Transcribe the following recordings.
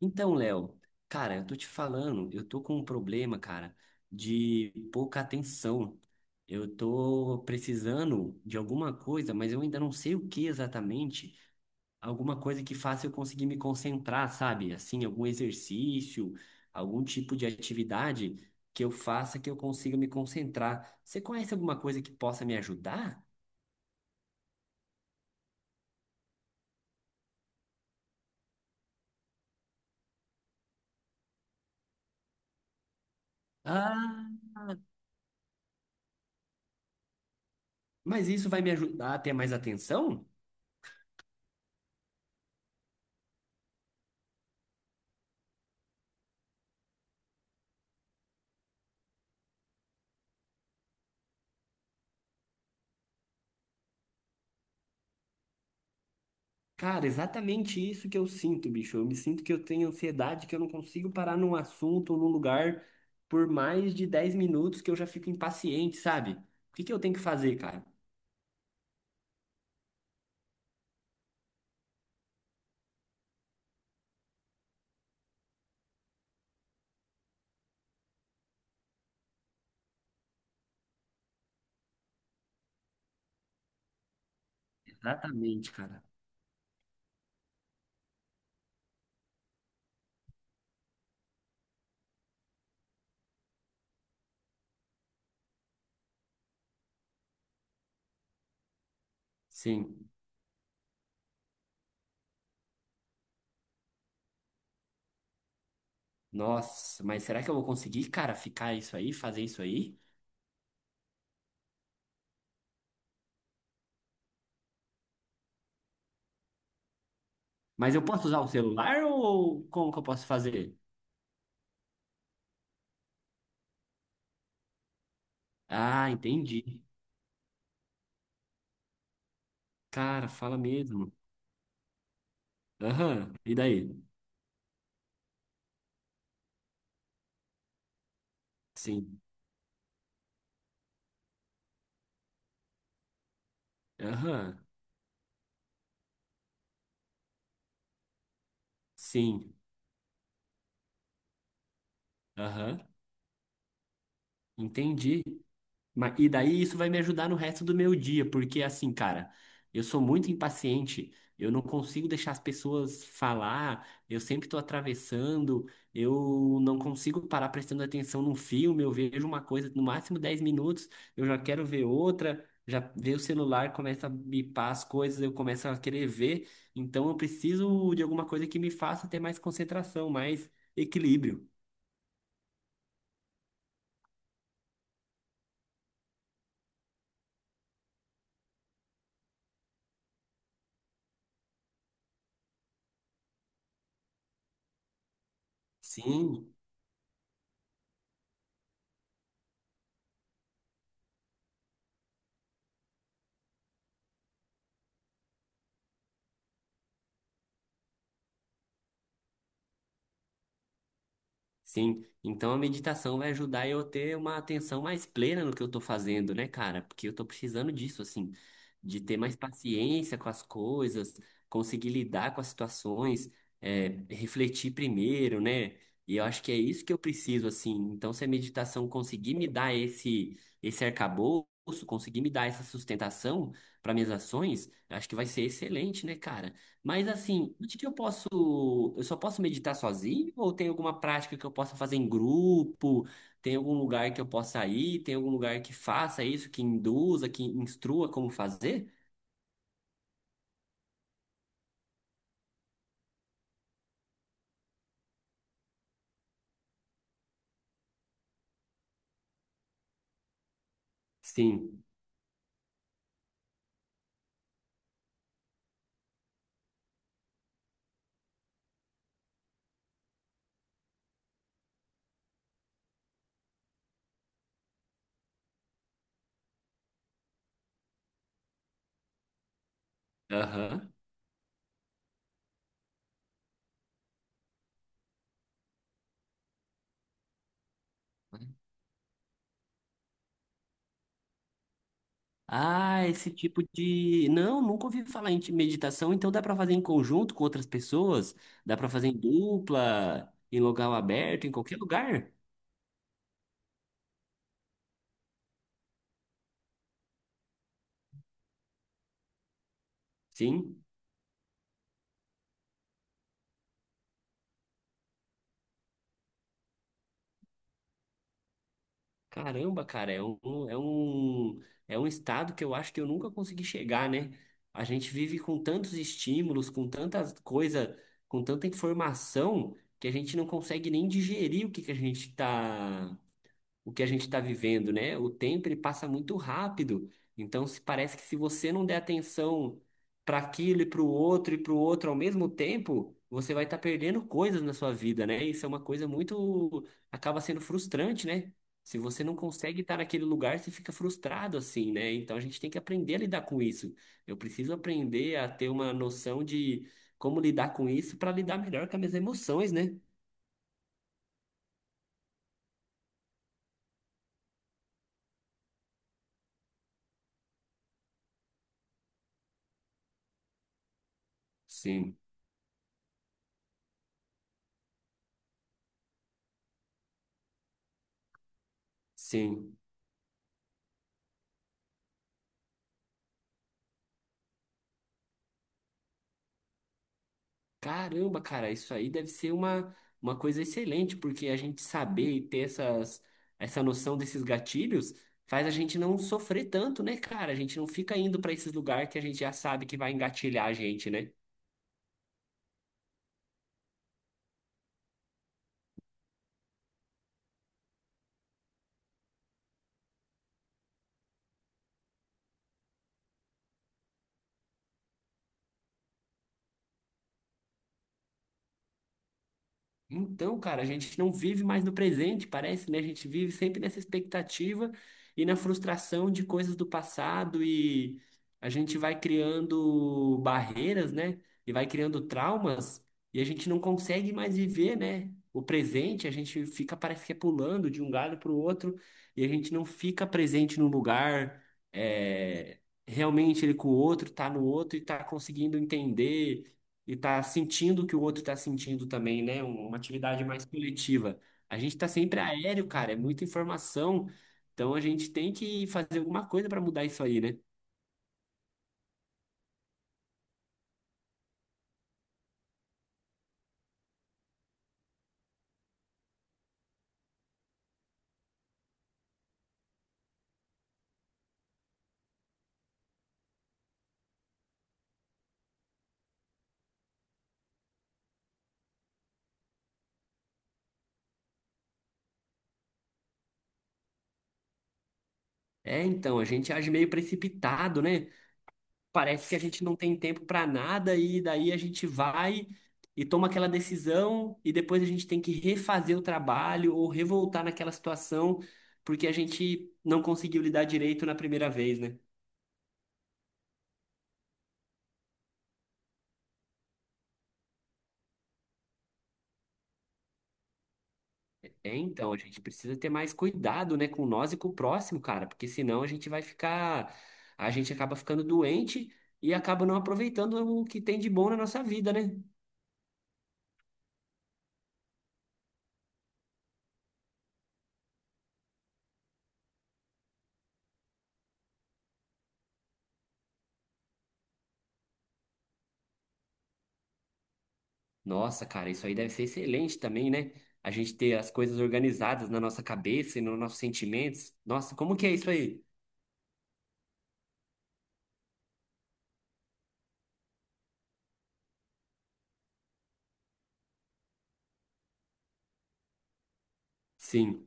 Então, Léo, cara, eu tô te falando, eu tô com um problema, cara, de pouca atenção. Eu tô precisando de alguma coisa, mas eu ainda não sei o que exatamente. Alguma coisa que faça eu conseguir me concentrar, sabe? Assim, algum exercício, algum tipo de atividade que eu faça que eu consiga me concentrar. Você conhece alguma coisa que possa me ajudar? Ah, mas isso vai me ajudar a ter mais atenção? Cara, exatamente isso que eu sinto, bicho. Eu me sinto que eu tenho ansiedade, que eu não consigo parar num assunto ou num lugar por mais de 10 minutos que eu já fico impaciente, sabe? O que que eu tenho que fazer, cara? Exatamente, cara. Sim. Nossa, mas será que eu vou conseguir, cara, ficar isso aí, fazer isso aí? Mas eu posso usar o celular ou como que eu posso fazer? Ah, entendi. Cara, fala mesmo. Aham, e daí? Sim. Aham. Sim. Aham. Entendi. E daí isso vai me ajudar no resto do meu dia, porque assim, cara, eu sou muito impaciente, eu não consigo deixar as pessoas falar, eu sempre tô atravessando, eu não consigo parar prestando atenção num filme, eu vejo uma coisa no máximo 10 minutos, eu já quero ver outra, já vejo o celular, começa a bipar as coisas, eu começo a querer ver, então eu preciso de alguma coisa que me faça ter mais concentração, mais equilíbrio. Sim, sim, então a meditação vai ajudar eu a ter uma atenção mais plena no que eu tô fazendo, né, cara? Porque eu tô precisando disso, assim, de ter mais paciência com as coisas, conseguir lidar com as situações, é, refletir primeiro, né? E eu acho que é isso que eu preciso, assim. Então, se a meditação conseguir me dar esse, esse arcabouço, conseguir me dar essa sustentação para minhas ações, eu acho que vai ser excelente, né, cara? Mas assim, onde que eu posso. Eu só posso meditar sozinho? Ou tem alguma prática que eu possa fazer em grupo? Tem algum lugar que eu possa ir? Tem algum lugar que faça isso, que induza, que instrua como fazer? Sim. Aham. Ah, esse tipo de. Não, nunca ouvi falar em meditação, então dá para fazer em conjunto com outras pessoas? Dá para fazer em dupla, em local aberto, em qualquer lugar? Sim. Caramba, cara, é um estado que eu acho que eu nunca consegui chegar, né? A gente vive com tantos estímulos, com tantas coisas, com tanta informação, que a gente não consegue nem digerir o que a gente está vivendo, né? O tempo ele passa muito rápido. Então, se parece que se você não der atenção para aquilo e para o outro e para o outro ao mesmo tempo, você vai estar perdendo coisas na sua vida, né? Isso é uma coisa muito acaba sendo frustrante, né? Se você não consegue estar naquele lugar, você fica frustrado assim, né? Então a gente tem que aprender a lidar com isso. Eu preciso aprender a ter uma noção de como lidar com isso para lidar melhor com as minhas emoções, né? Sim, sim. Caramba, cara, isso aí deve ser uma coisa excelente, porque a gente saber e ter essas, essa noção desses gatilhos faz a gente não sofrer tanto, né, cara? A gente não fica indo pra esses lugares que a gente já sabe que vai engatilhar a gente, né? Então, cara, a gente não vive mais no presente, parece, né? A gente vive sempre nessa expectativa e na frustração de coisas do passado e a gente vai criando barreiras, né? E vai criando traumas e a gente não consegue mais viver, né? O presente, a gente fica, parece que é pulando de um galho para o outro e a gente não fica presente no lugar, é, realmente ele com o outro, tá no outro e tá conseguindo entender e tá sentindo o que o outro tá sentindo também, né? Uma atividade mais coletiva. A gente tá sempre aéreo, cara, é muita informação. Então a gente tem que fazer alguma coisa para mudar isso aí, né? É, então, a gente age meio precipitado, né? Parece que a gente não tem tempo para nada e daí a gente vai e toma aquela decisão e depois a gente tem que refazer o trabalho ou revoltar naquela situação porque a gente não conseguiu lidar direito na primeira vez, né? É, então, a gente precisa ter mais cuidado, né, com nós e com o próximo, cara, porque senão a gente vai ficar, a gente acaba ficando doente e acaba não aproveitando o que tem de bom na nossa vida, né? Nossa, cara, isso aí deve ser excelente também, né? A gente ter as coisas organizadas na nossa cabeça e nos nossos sentimentos. Nossa, como que é isso aí? Sim,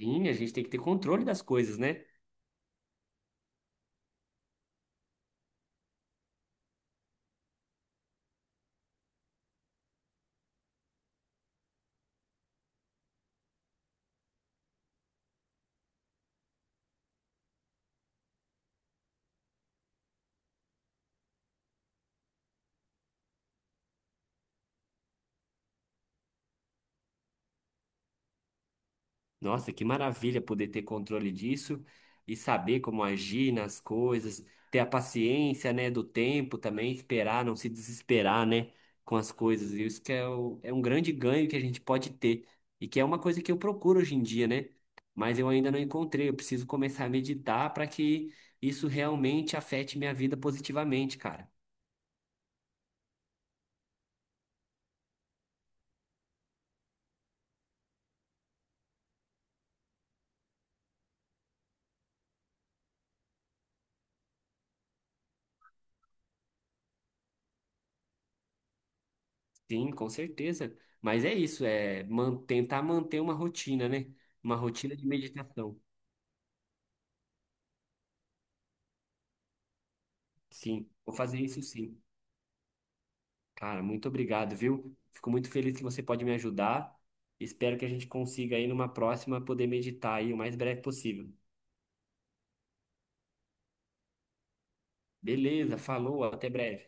sim, a gente tem que ter controle das coisas, né? Nossa, que maravilha poder ter controle disso e saber como agir nas coisas, ter a paciência, né, do tempo também, esperar, não se desesperar, né, com as coisas. E isso que é, é um grande ganho que a gente pode ter e que é uma coisa que eu procuro hoje em dia, né? Mas eu ainda não encontrei. Eu preciso começar a meditar para que isso realmente afete minha vida positivamente, cara. Sim, com certeza. Mas é isso, é tentar manter uma rotina, né? Uma rotina de meditação. Sim, vou fazer isso sim. Cara, muito obrigado, viu? Fico muito feliz que você pode me ajudar. Espero que a gente consiga aí numa próxima poder meditar aí o mais breve possível. Beleza, falou, até breve.